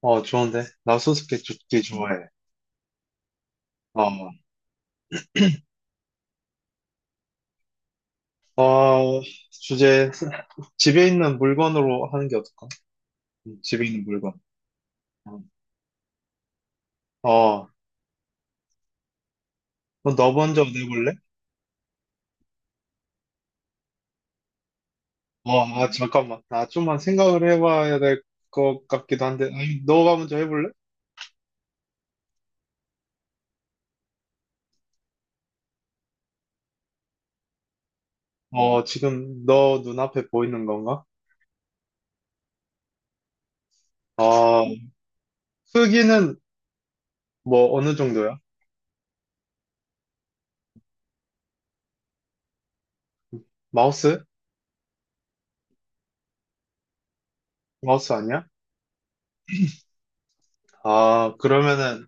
어, 좋은데? 나 수수께끼 좋게 좋아해. 어, 어, 주제, 집에 있는 물건으로 하는 게 어떨까? 집에 있는 물건. 어, 어, 그럼 너 먼저 내볼래? 어, 아, 잠깐만. 나 좀만 생각을 해봐야 될 것 같기도 한데. 아니, 너가 먼저 해볼래? 어, 지금 너 눈앞에 보이는 건가? 어, 크기는 뭐 어느 정도야? 마우스? 마우스 아니야? 아, 그러면은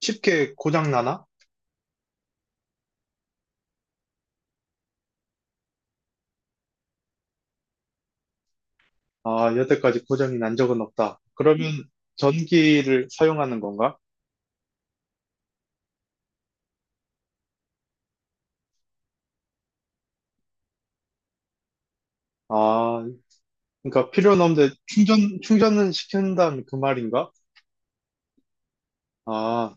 쉽게 고장 나나? 아, 여태까지 고장이 난 적은 없다. 그러면 전기를 사용하는 건가? 아, 그러니까 필요는 없는데 충전은 시킨다면 그 말인가? 아,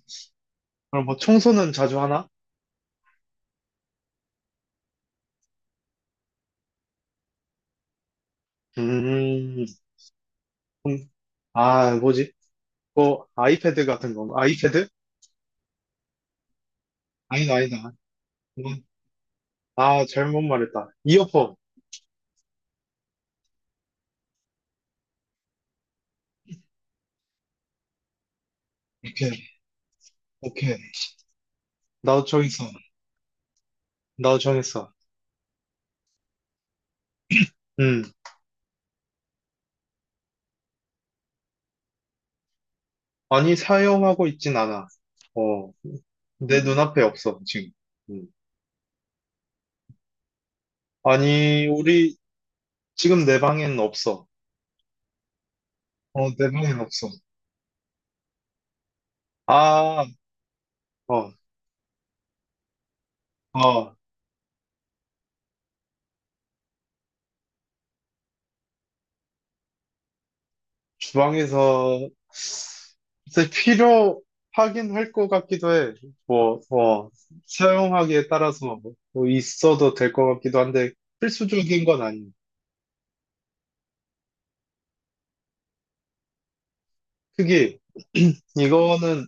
그럼 뭐 청소는 자주 하나? 음, 음, 아, 뭐지? 뭐 아이패드 같은 건가? 아이패드? 아니다, 아니다. 이건- 아, 잘못 말했다. 이어폰. 오케이, 오케이. 나도 정했어. 나도 정했어. 음, 아니, 사용하고 있진 않아. 어, 내 눈앞에 없어, 지금. 음. 아니, 우리 지금 내 방에는 없어. 어, 내 방에는 없어. 아, 어, 어, 주방에서 글쎄 필요하긴 할 것 같기도 해. 뭐, 어, 사용하기에 따라서 뭐 뭐 있어도 될 것 같기도 한데 필수적인 건 아니야. 크기, 이거는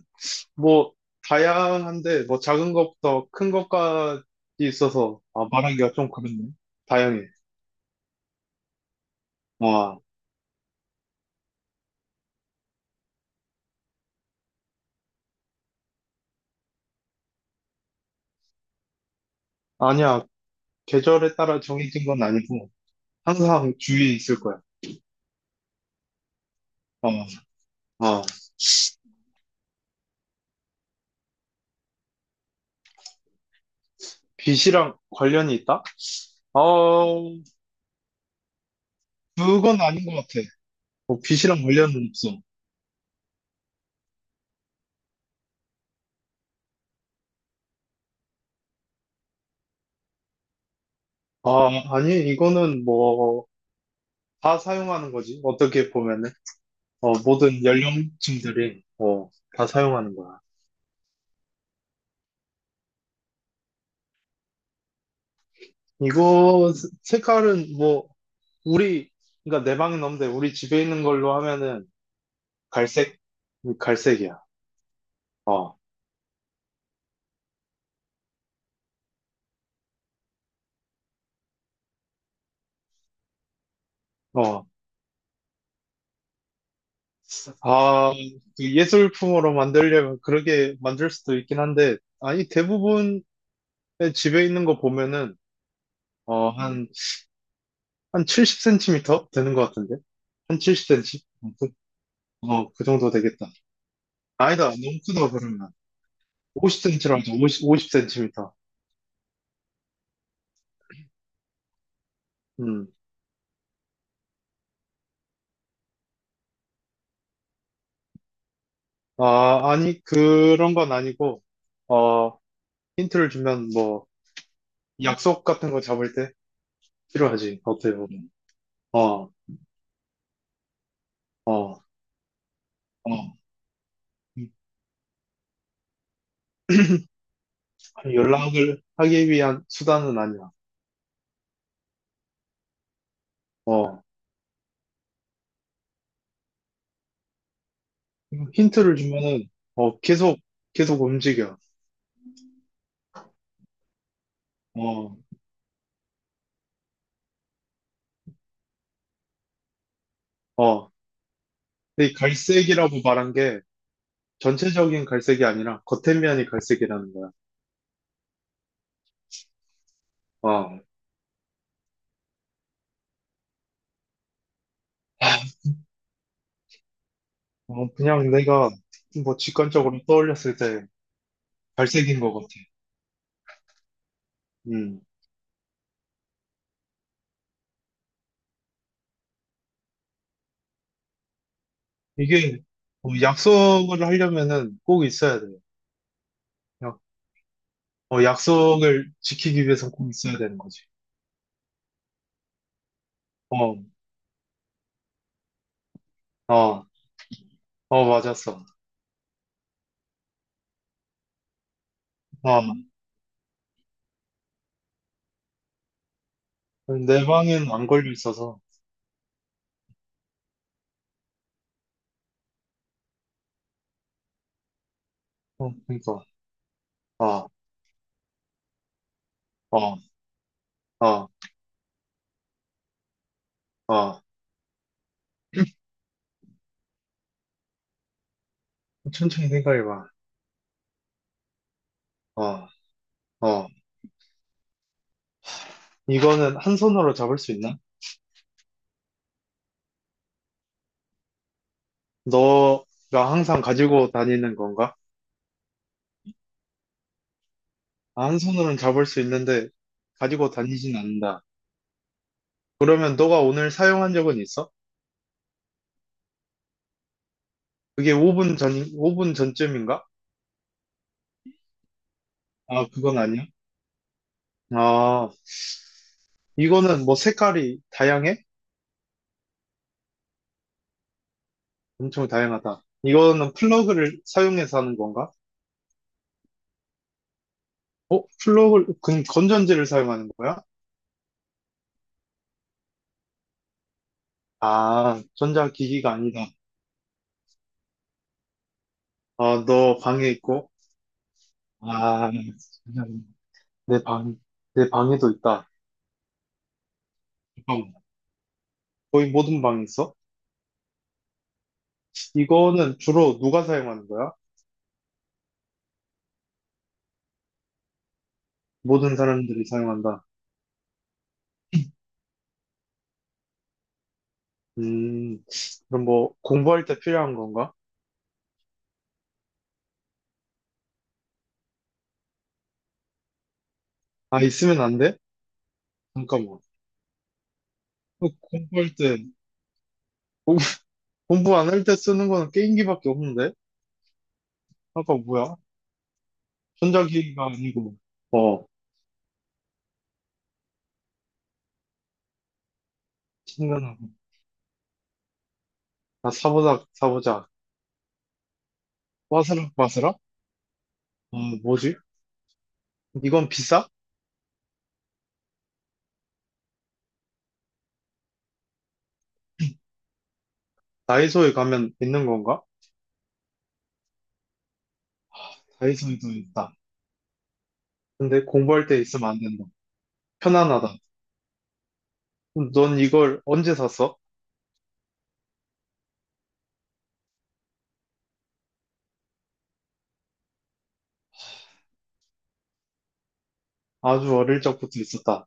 뭐 다양한데 뭐 작은 것부터 큰 것까지 있어서 아, 말하기가 좀 그렇네. 다양해. 와, 아니야. 계절에 따라 정해진 건 아니고. 항상 주위에 있을 거야. 어, 어. 빚이랑 관련이 있다? 어, 그건 아닌 것 같아. 어, 빚이랑 관련은 없어. 아, 아니, 이거는 뭐, 다 사용하는 거지. 어떻게 보면은. 어, 모든 연령층들이, 어, 다 사용하는 거야. 이거, 스- 색깔은 뭐, 우리, 그러니까 내 방은 없는데, 우리 집에 있는 걸로 하면은, 갈색? 갈색이야. 어, 어. 아, 그 예술품으로 만들려면 그렇게 만들 수도 있긴 한데, 아니, 대부분의 집에 있는 거 보면은, 어, 한 70cm 되는 것 같은데? 한 70cm? 어, 그, 어, 그 정도 되겠다. 아니다, 너무 크다, 그러면. 50cm라도, 50cm. 음. 아, 아니, 그런 건 아니고, 어, 힌트를 주면 뭐, 약속 같은 거 잡을 때 필요하지, 어떻게 보면. 어, 어, 어. 연락을 하기 위한 수단은 아니야. 어, 힌트를 주면은, 어, 계속 움직여. 어, 어. 근데 이 갈색이라고 말한 게 전체적인 갈색이 아니라 겉에면이 갈색이라는 거야. 어, 어, 그냥 내가 뭐 직관적으로 떠올렸을 때 갈색인 것 같아. 음, 이게 어, 약속을 하려면은 꼭 있어야 돼. 약- 어, 약속을 지키기 위해서 꼭 있어야 되는 거지. 어, 어, 어, 맞았어. 어, 내 방엔 안 걸려 있어서. 어, 그러니까. 어, 어, 어, 어. 천천히 생각해봐. 어, 어. 이거는 한 손으로 잡을 수 있나? 너가 항상 가지고 다니는 건가? 아, 한 손으로는 잡을 수 있는데 가지고 다니진 않는다. 그러면 너가 오늘 사용한 적은 있어? 그게 5분 전, 5분 전쯤인가? 아, 그건 아니야. 아, 이거는 뭐 색깔이 다양해? 엄청 다양하다. 이거는 플러그를 사용해서 하는 건가? 어? 플러그 건전지를 사용하는 거야? 아, 전자기기가 아니다. 아, 너 방에 있고? 아, 전자기기.. 내 방, 내 방에도 있다. 잠깐만. 거의 모든 방에 있어? 이거는 주로 누가 사용하는 거야? 모든 사람들이 사용한다. 음, 그럼 뭐, 공부할 때 필요한 건가? 아, 있으면 안 돼? 잠깐만. 어, 공- 공부 안 할 때 쓰는 거는 게임기밖에 없는데? 아까 뭐야? 전자기기가 아니고, 어, 생각나. 아, 사보작, 사보작. 빠스락, 빠스락? 아, 뭐지? 이건 비싸? 다이소에 가면 있는 건가? 다이소에도 있다. 근데 공부할 때 있으면 안 된다. 편안하다. 그럼 넌 이걸 언제 샀어? 아주 어릴 적부터 있었다.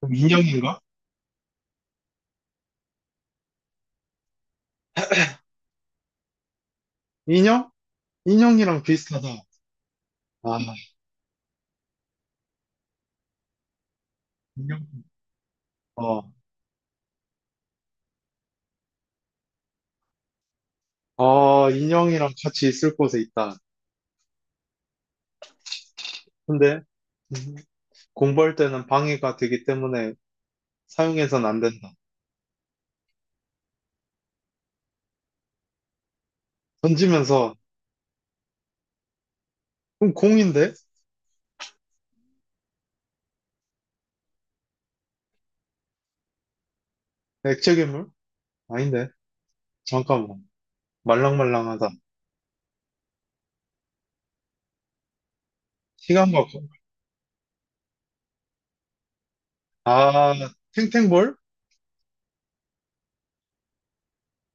그럼 인형인가? 인형? 인형이랑 비슷하다. 아, 인형. 어, 아, 인형이랑 같이 있을 곳에 있다. 근데 음, 공부할 때는 방해가 되기 때문에 사용해선 안 된다. 던지면서, 그럼 공인데? 액체 괴물? 아닌데. 잠깐만. 말랑말랑하다. 시간과, 아, 탱탱볼?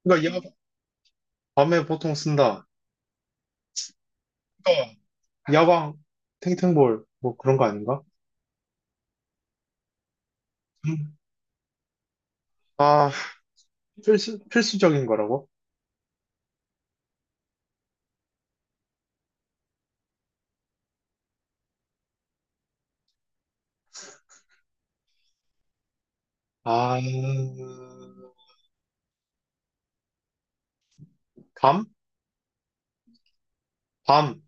그니까, 야, 밤에 보통 쓴다. 그니까, 야광, 탱탱볼, 뭐 그런 거 아닌가? 음. 아, 필수적인 거라고? 아, 밤? 밤.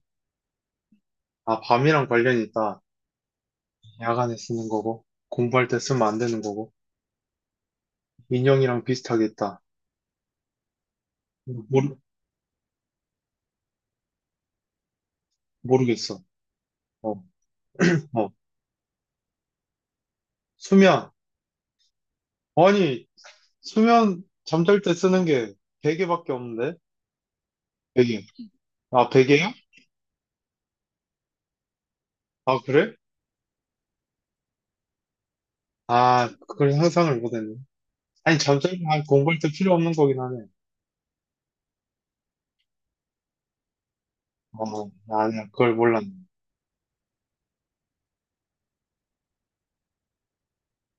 아, 밤이랑 관련이 있다. 야간에 쓰는 거고, 공부할 때 쓰면 안 되는 거고, 인형이랑 비슷하게 있다. 모르, 모르겠어. 어, 어. 수면. 아니, 수면, 잠잘 때 쓰는 게 베개밖에 없는데? 베개. 아, 베개요? 아, 그래? 아, 그걸 상상을 못했네. 아니, 잠자리 아, 공부할 때 필요 없는 거긴 하네. 어, 아니야, 그걸 몰랐네.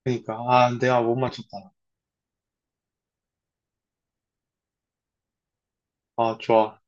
그러니까, 아, 내가 못 맞췄다. 아, 좋아.